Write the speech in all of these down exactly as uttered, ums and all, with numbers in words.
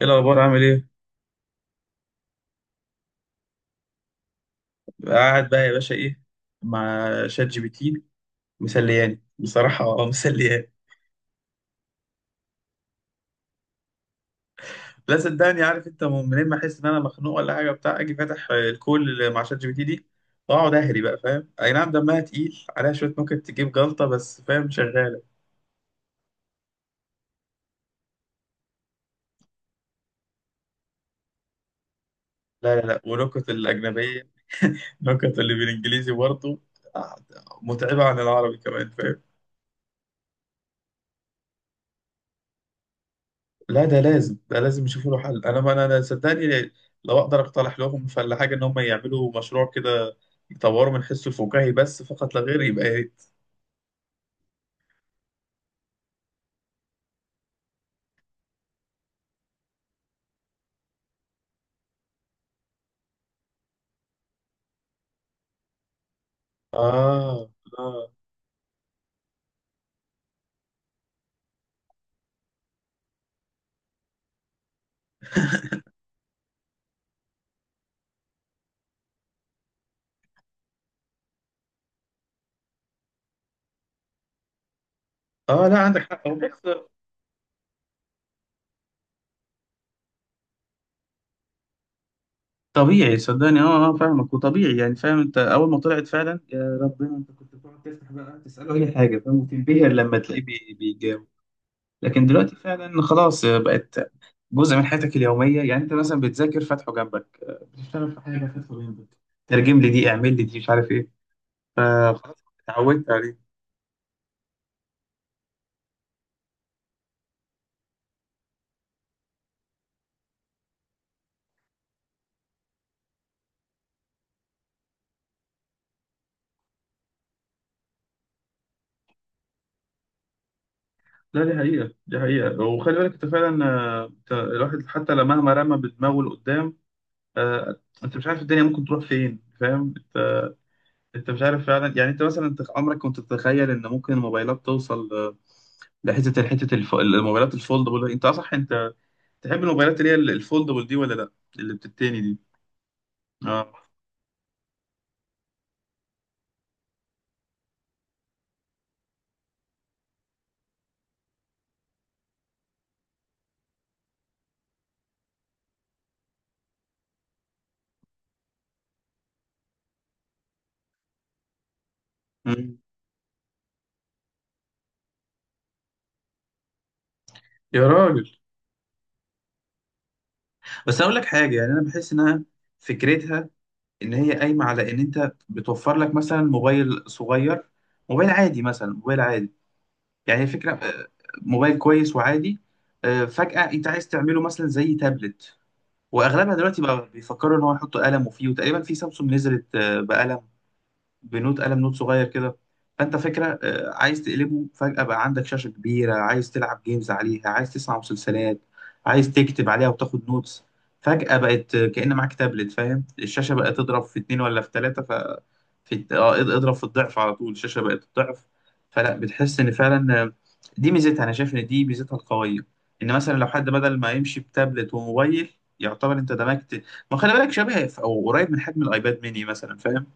ايه الاخبار؟ عامل ايه؟ قاعد بقى يا باشا، ايه، مع شات جي بي تي. مسلياني بصراحه. اه، مسلياني. لا، صدقني عارف انت منين، ما احس ان انا مخنوق ولا حاجه، بتاع اجي فاتح الكول اللي مع شات جي بي تي دي، واقعد اهري بقى، فاهم؟ اي نعم، دمها تقيل، عليها شويه نكت تجيب جلطه، بس فاهم، شغاله. لا لا لا، ونكت الاجنبيه، نكت اللي بالانجليزي برضه. آه، متعبه عن العربي كمان، فاهم. لا ده لازم، ده لازم يشوفوا له حل، انا ما انا أنا صدقني، لو اقدر اقترح لهم فلا حاجه ان هم يعملوا مشروع كده، يطوروا من حسه الفكاهي بس فقط لا غير، يبقى يا ريت. اه، اه، اه، لا عندك حق. هو بس. طبيعي صدقني. اه، اه، فاهمك وطبيعي يعني، فاهم، انت اول ما طلعت فعلا يا ربنا، انت كنت بتقعد تفتح بقى تساله اي حاجه، فاهم، وتنبهر لما تلاقيه بي- بيجاوب. لكن دلوقتي فعلا خلاص، بقت جزء من حياتك اليومية، يعني أنت مثلا بتذاكر فاتحه جنبك، آه، بتشتغل في حاجة فاتحه جنبك، ترجم لي دي، اعمل لي دي، مش عارف إيه. آه، خلاص، اتعودت عليه. لا دي حقيقة، دي حقيقة، وخلي بالك أنت فعلا، آه، أنت الواحد حتى لو مهما رمى بدماغه لقدام، آه، أنت مش عارف الدنيا ممكن تروح فين، فاهم أنت؟ أنت مش عارف فعلا، يعني أنت مثلا أنت عمرك كنت تتخيل إن ممكن الموبايلات توصل، آه، لحتة الحتة الف... الموبايلات الفولدبل، أنت صح؟ أنت تحب الموبايلات اللي هي الفولدبل دي ولا لأ؟ اللي بتتاني دي. اه. مم. يا راجل، بس اقول لك حاجه يعني، انا بحس انها، فكرتها ان هي قايمه على ان انت بتوفر لك مثلا موبايل صغير، موبايل عادي، مثلا موبايل عادي. يعني هي فكره، آه، موبايل كويس وعادي، آه، فجاه انت عايز تعمله مثلا زي تابلت، واغلبها دلوقتي بقى بيفكروا ان هو يحطوا قلم وفيه، وتقريبا في سامسونج نزلت آه، بقلم، بنوت قلم، نوت صغير كده. فانت فكره، آه، عايز تقلبه، فجاه بقى عندك شاشه كبيره، عايز تلعب جيمز عليها، عايز تسمع مسلسلات، عايز تكتب عليها وتاخد نوتس، فجاه بقت آه، كأن معاك تابلت، فاهم، الشاشه بقت تضرب في اتنين ولا في تلاته، ف في اه اض- اضرب في الضعف على طول، الشاشه بقت الضعف، فلا بتحس ان فعلا، آه، دي ميزتها، انا شايف ان دي ميزتها القويه، ان مثلا لو حد بدل ما يمشي بتابلت وموبايل، يعتبر انت دمجت، ما خلي بالك شبه او قريب من حجم الايباد ميني مثلا، فاهم.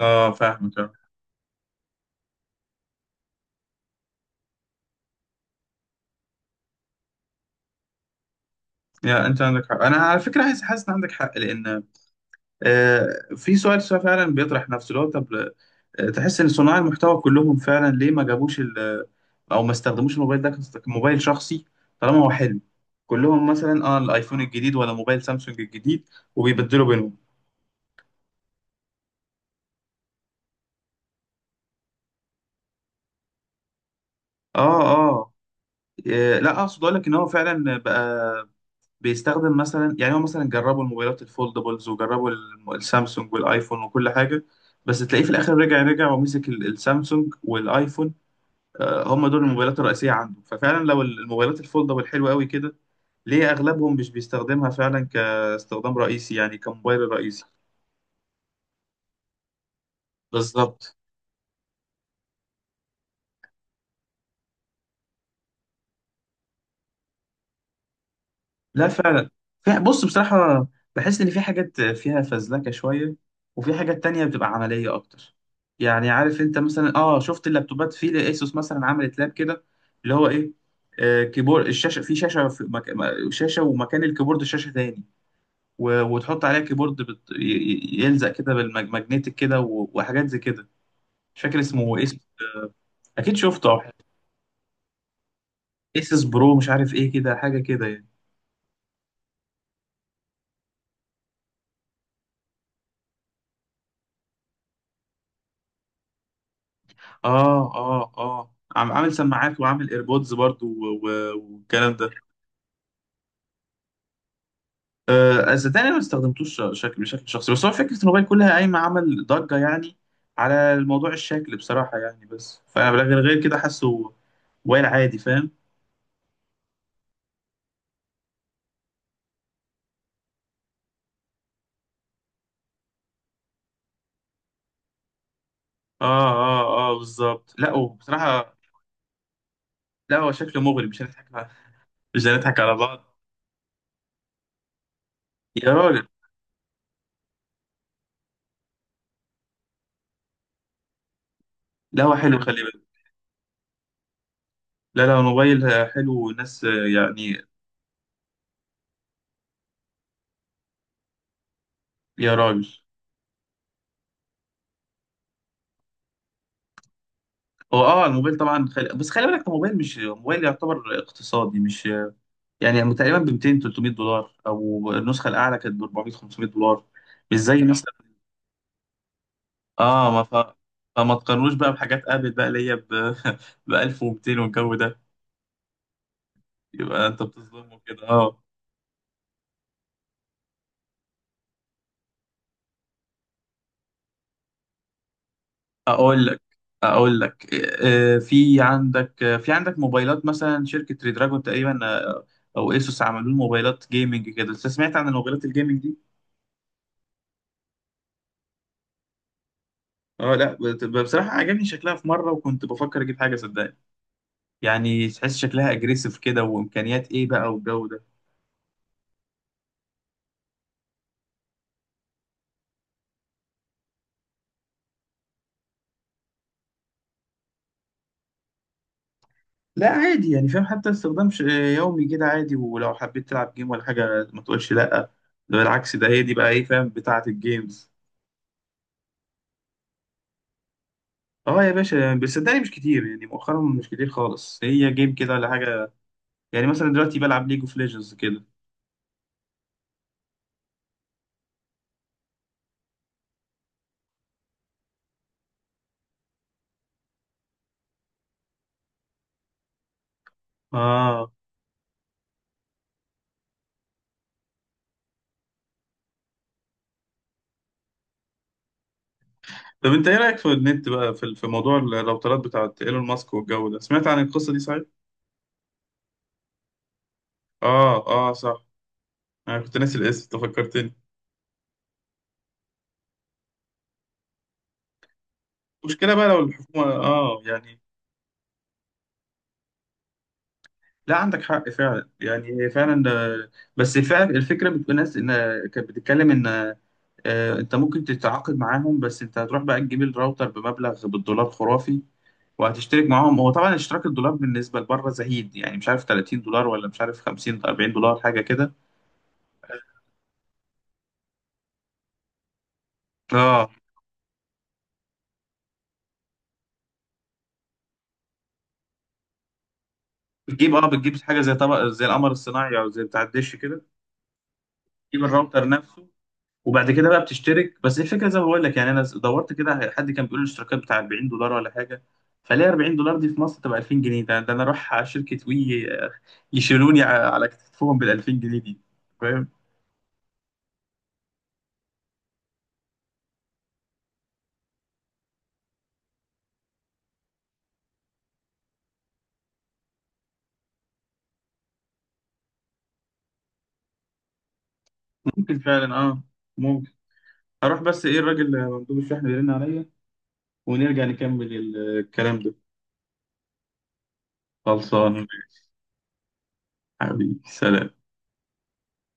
اه، فاهمك. اه. يا انت عندك حق، انا على فكره عايز، حاسس ان عندك حق، لان آه في سؤال سؤال فعلا بيطرح نفسه، اللي هو طب، آه، تحس ان صناع المحتوى كلهم فعلا ليه ما جابوش ال- او ما استخدموش الموبايل ده كموبايل شخصي، طالما هو حلو، كلهم مثلا اه الايفون الجديد ولا موبايل سامسونج الجديد، وبيبدلوا بينهم. اه، اه، آه، لا اقصد اقول لك ان هو فعلا بقى بيستخدم مثلا، يعني هو مثلا جربوا الموبايلات الفولدبلز وجربوا الم- السامسونج والايفون وكل حاجه، بس تلاقيه في الاخر رجع رجع ومسك ال- السامسونج والايفون، آه، هم دول الموبايلات الرئيسيه عنده، ففعلا لو ال- الموبايلات الفولدبل حلوه قوي كده، ليه اغلبهم مش بيستخدمها فعلا كاستخدام رئيسي يعني، كموبايل رئيسي. بالظبط، لا فعلا، في بص بصراحة، بحس إن في حاجات فيها فزلكة شوية، وفي حاجات تانية بتبقى عملية أكتر، يعني عارف أنت مثلا، آه شفت اللابتوبات في لأسوس مثلا عملت لاب كده، اللي هو إيه، آه كيبورد الشاشة في شاشة في مك... م- شاشة ومكان الكيبورد شاشة تاني، و... وتحط عليها كيبورد بت... ي- ي- يلزق كده بالماجنتيك كده، و... وحاجات زي كده، مش فاكر اسمه إيه، اسمه أكيد شفته أو حاجة. اسس برو مش عارف إيه كده، حاجة كده يعني. اه، اه، اه، عم عامل سماعات وعامل ايربودز برضو، و- و- والكلام ده. آه، صدقني أنا ما استخدمتوش شكل بشكل شخصي، بس هو فكره الموبايل كلها قايمه عمل ضجه يعني على الموضوع، الشكل بصراحه يعني، بس فانا غير غير كده حاسه، موبايل عادي فاهم. اه، اه، اه، بالظبط. لا وبصراحه، لا هو شكله مغري، مش هنضحك على- مش هنضحك على بعض. يا راجل، لا هو حلو خلي بالك، لا لا الموبايل حلو والناس آه، يعني. يا راجل، هو اه الموبايل طبعا خل... بس خلي بالك الموبايل مش موبايل يعتبر اقتصادي، مش يعني، تقريبا ب ميتين ثلاث مئة دولار، او النسخه الاعلى كانت ب اربعمية خمس مئة دولار، مش زي مثلا. اه ما ف... فما تقارنوش بقى بحاجات ابل بقى اللي هي ب ب ألف ومائتين والجو ده، يبقى انت بتظلمه كده. اه، اقول لك اقول لك، آه، آه، في عندك آه، في عندك موبايلات مثلا شركه ريدراجون تقريبا، آه، او ايسوس عملوا موبايلات جيمنج كده، انت سمعت عن الموبايلات الجيمنج؟ اه، لا بت- بصراحة عجبني شكلها في مرة، وكنت بفكر اجيب حاجة صدقني، يعني تحس شكلها اجريسيف كده، وامكانيات ايه بقى والجو ده. لا عادي يعني، فاهم، حتى استخدام ش- يومي كده عادي، ولو حبيت تلعب جيم ولا حاجة ما تقولش لا، ده بالعكس، ده هي دي بقى ايه، فاهم، بتاعة الجيمز. اه يا باشا يعني، بس صدقني مش كتير يعني مؤخرا، مش كتير خالص هي جيم كده ولا حاجة، يعني مثلا دلوقتي بلعب ليج اوف ليجندز كده. اه. طب انت ايه رأيك في النت بقى، في في موضوع الراوترات بتاعت ايلون ماسك والجو ده، سمعت عن القصة دي صحيح؟ اه، اه صح، انا كنت ناسي الاسم أنت فكرتني. المشكله بقى لو الحكومه اه يعني. لا عندك حق فعلا يعني، هي فعلا ده- بس فعلا الفكره بتقول ناس ان، كانت بتتكلم ان آه، انت ممكن تتعاقد معاهم، بس انت هتروح بقى تجيب الراوتر بمبلغ بالدولار خرافي، وهتشترك معاهم، هو طبعا اشتراك الدولار بالنسبه لبره زهيد، يعني مش عارف تلاتين دولار، ولا مش عارف خمسين اربعين دولار، حاجه كده. اه، بتجيب، اه بتجيب حاجه زي طبق، زي القمر الصناعي، او زي بتاع الدش كده، تجيب الراوتر نفسه، وبعد كده بقى بتشترك، بس الفكره زي ما بقول لك يعني، انا دورت كده، حد كان بيقول الاشتراكات بتاع اربعين دولار ولا حاجه، فليه اربعين دولار دي في مصر تبقى الفين جنيه، ده, ده انا اروح على شركه وي، آه، يشيلوني ع- على كتفهم بال الفين جنيه دي، فاهم. ممكن فعلا، اه ممكن، اروح بس ايه الراجل مندوب الشحن بيرن عليا، ونرجع نكمل ال- الكلام ده. خلصان ماشي. حبيبي سلام.